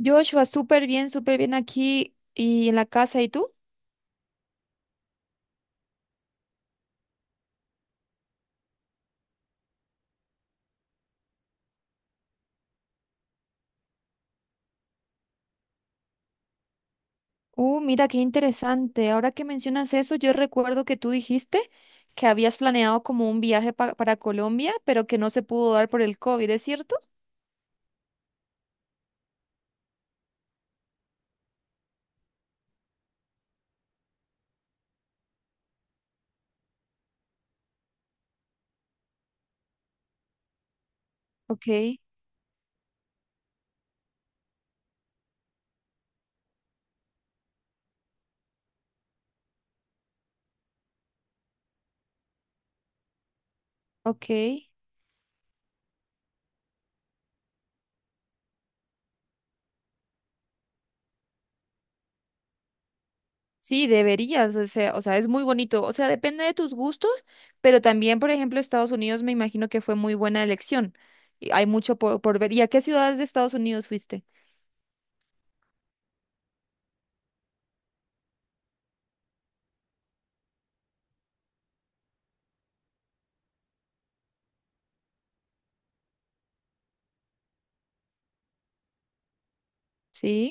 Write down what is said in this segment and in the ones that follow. Joshua, súper bien aquí y en la casa. ¿Y tú? Mira, qué interesante. Ahora que mencionas eso, yo recuerdo que tú dijiste que habías planeado como un viaje para Colombia, pero que no se pudo dar por el COVID, ¿es cierto? Ok, ok. Sí, deberías, o sea, es muy bonito. O sea, depende de tus gustos, pero también, por ejemplo, Estados Unidos me imagino que fue muy buena elección. Y hay mucho por ver. ¿Y a qué ciudades de Estados Unidos fuiste? Sí,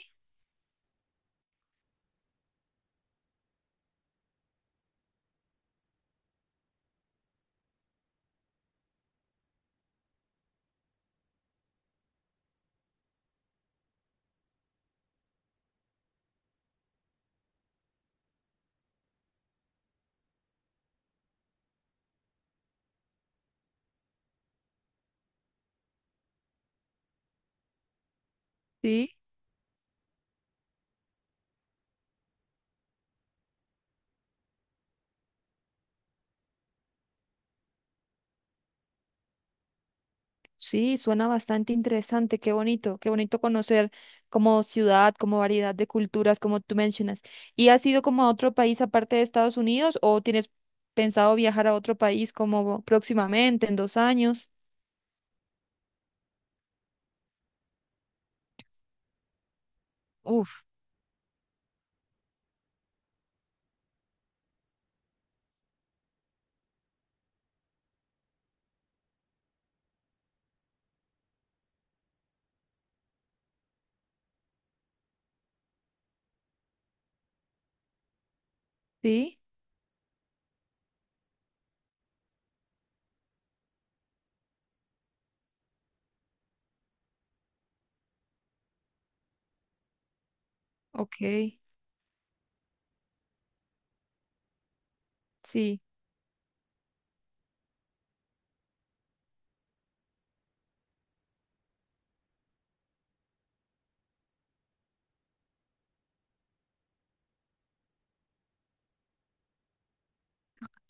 sí. Sí, suena bastante interesante, qué bonito conocer como ciudad, como variedad de culturas, como tú mencionas. ¿Y has ido como a otro país aparte de Estados Unidos o tienes pensado viajar a otro país como próximamente, en dos años? Uf, sí, ok, sí,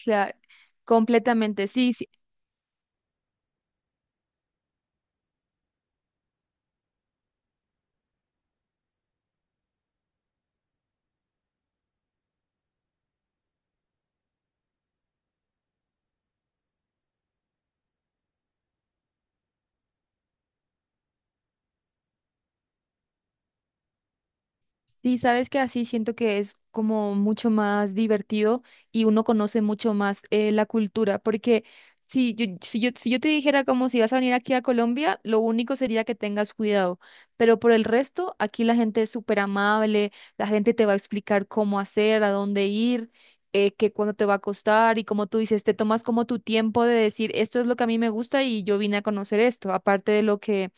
claro, completamente, sí, sí. Sí, sabes que así siento que es como mucho más divertido y uno conoce mucho más la cultura, porque si yo te dijera como si vas a venir aquí a Colombia, lo único sería que tengas cuidado, pero por el resto, aquí la gente es súper amable, la gente te va a explicar cómo hacer, a dónde ir, que cuándo te va a costar y como tú dices, te tomas como tu tiempo de decir, esto es lo que a mí me gusta y yo vine a conocer esto, aparte de lo que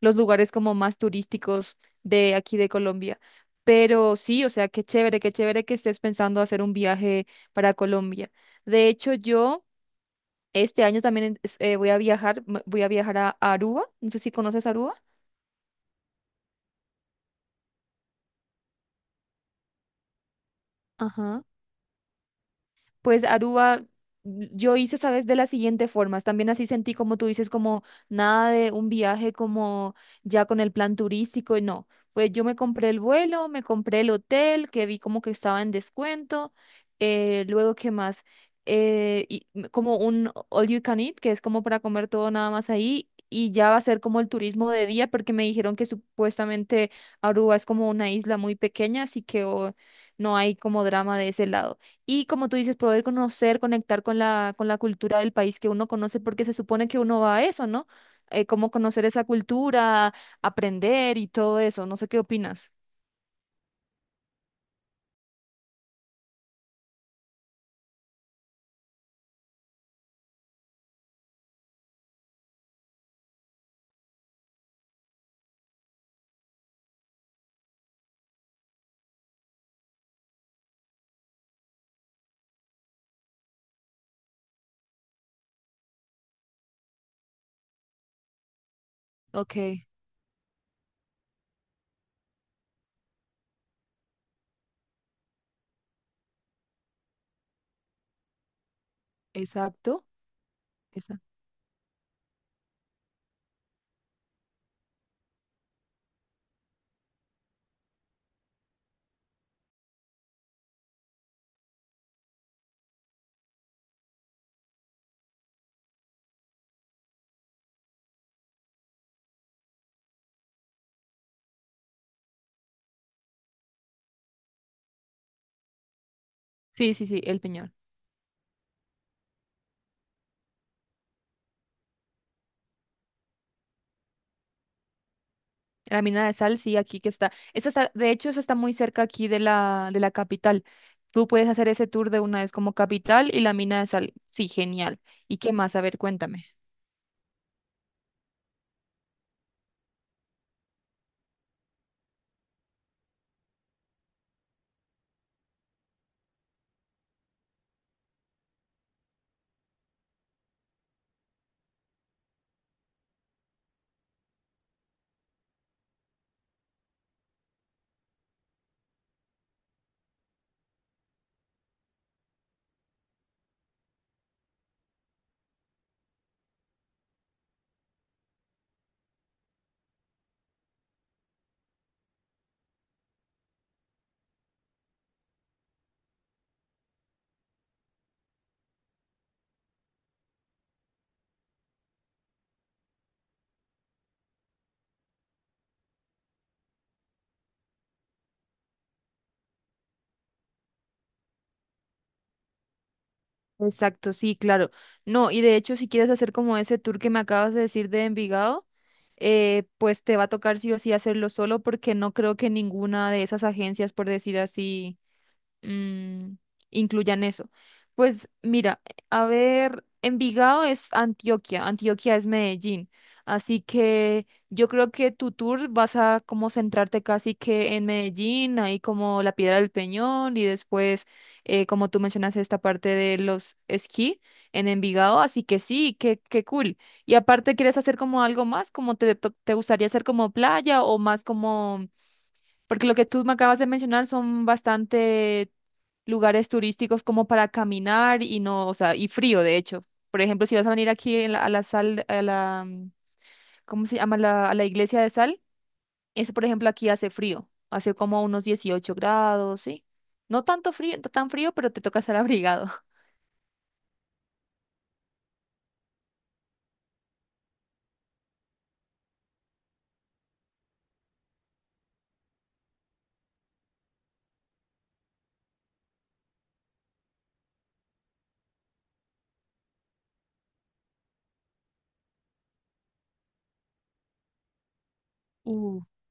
los lugares como más turísticos de aquí de Colombia. Pero sí, o sea, qué chévere que estés pensando hacer un viaje para Colombia. De hecho, yo este año también voy a viajar a Aruba. No sé si conoces Aruba. Ajá. Pues Aruba, yo hice, sabes, de las siguientes formas. También así sentí, como tú dices, como nada de un viaje como ya con el plan turístico. Y no, pues yo me compré el vuelo, me compré el hotel, que vi como que estaba en descuento. Eh, luego, ¿qué más? Y como un all you can eat, que es como para comer todo nada más ahí. Y ya va a ser como el turismo de día, porque me dijeron que supuestamente Aruba es como una isla muy pequeña, así que oh, no hay como drama de ese lado. Y como tú dices, poder conocer, conectar con la cultura del país que uno conoce, porque se supone que uno va a eso, ¿no? Como conocer esa cultura, aprender y todo eso. No sé qué opinas. Ok, exacto. Esa. Sí, sí, sí, el Peñón. La mina de sal, sí, aquí que está. Esa está, de hecho, esa está muy cerca aquí de la capital. Tú puedes hacer ese tour de una vez como capital y la mina de sal. Sí, genial. ¿Y qué más? A ver, cuéntame. Exacto, sí, claro. No, y de hecho, si quieres hacer como ese tour que me acabas de decir de Envigado, pues te va a tocar sí o sí hacerlo solo porque no creo que ninguna de esas agencias, por decir así, mm, incluyan eso. Pues mira, a ver, Envigado es Antioquia, Antioquia es Medellín, así que yo creo que tu tour vas a como centrarte casi que en Medellín, ahí como la Piedra del Peñón y después, como tú mencionas, esta parte de los esquí en Envigado, así que sí, qué, qué cool. Y aparte, ¿quieres hacer como algo más? ¿Como te gustaría hacer como playa o más como... Porque lo que tú me acabas de mencionar son bastante lugares turísticos como para caminar y no, o sea, y frío, de hecho. Por ejemplo, si vas a venir aquí en a la sal, a la, mm, ¿cómo se llama? A la iglesia de sal, es, por ejemplo, aquí hace frío, hace como unos 18 grados, ¿sí? No tanto frío, tan frío, pero te toca estar abrigado.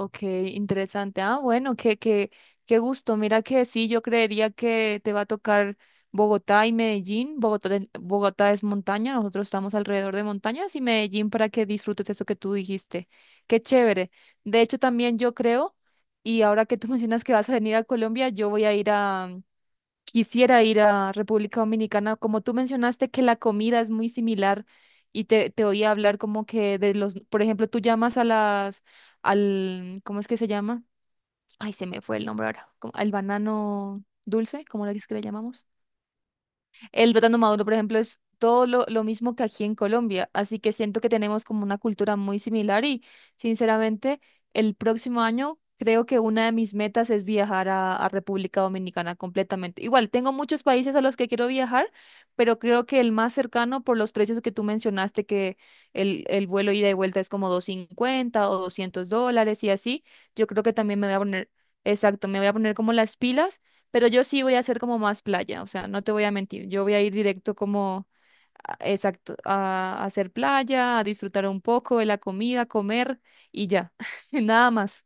Ok, interesante. Ah, bueno, qué, qué, qué gusto. Mira que sí, yo creería que te va a tocar Bogotá y Medellín. Bogotá, Bogotá es montaña, nosotros estamos alrededor de montañas y Medellín para que disfrutes eso que tú dijiste. Qué chévere. De hecho, también yo creo, y ahora que tú mencionas que vas a venir a Colombia, yo voy a ir, quisiera ir a República Dominicana, como tú mencionaste que la comida es muy similar y te oí hablar como que de los, por ejemplo, tú llamas a las, al, ¿cómo es que se llama? Ay, se me fue el nombre ahora, al banano dulce, ¿cómo es que le llamamos? El plátano maduro, por ejemplo, es todo lo mismo que aquí en Colombia, así que siento que tenemos como una cultura muy similar y sinceramente el próximo año creo que una de mis metas es viajar a República Dominicana completamente. Igual, tengo muchos países a los que quiero viajar, pero creo que el más cercano por los precios que tú mencionaste, que el vuelo ida y vuelta es como 250 o $200 y así, yo creo que también me voy a poner, exacto, me voy a poner como las pilas, pero yo sí voy a hacer como más playa, o sea, no te voy a mentir, yo voy a ir directo como, exacto, a hacer playa, a disfrutar un poco de la comida, comer y ya, nada más,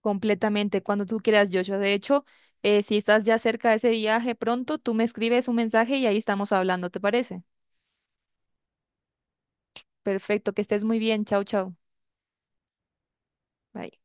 completamente, cuando tú quieras, Joshua. De hecho, si estás ya cerca de ese viaje pronto, tú me escribes un mensaje y ahí estamos hablando, ¿te parece? Perfecto, que estés muy bien, chao, chao. Bye.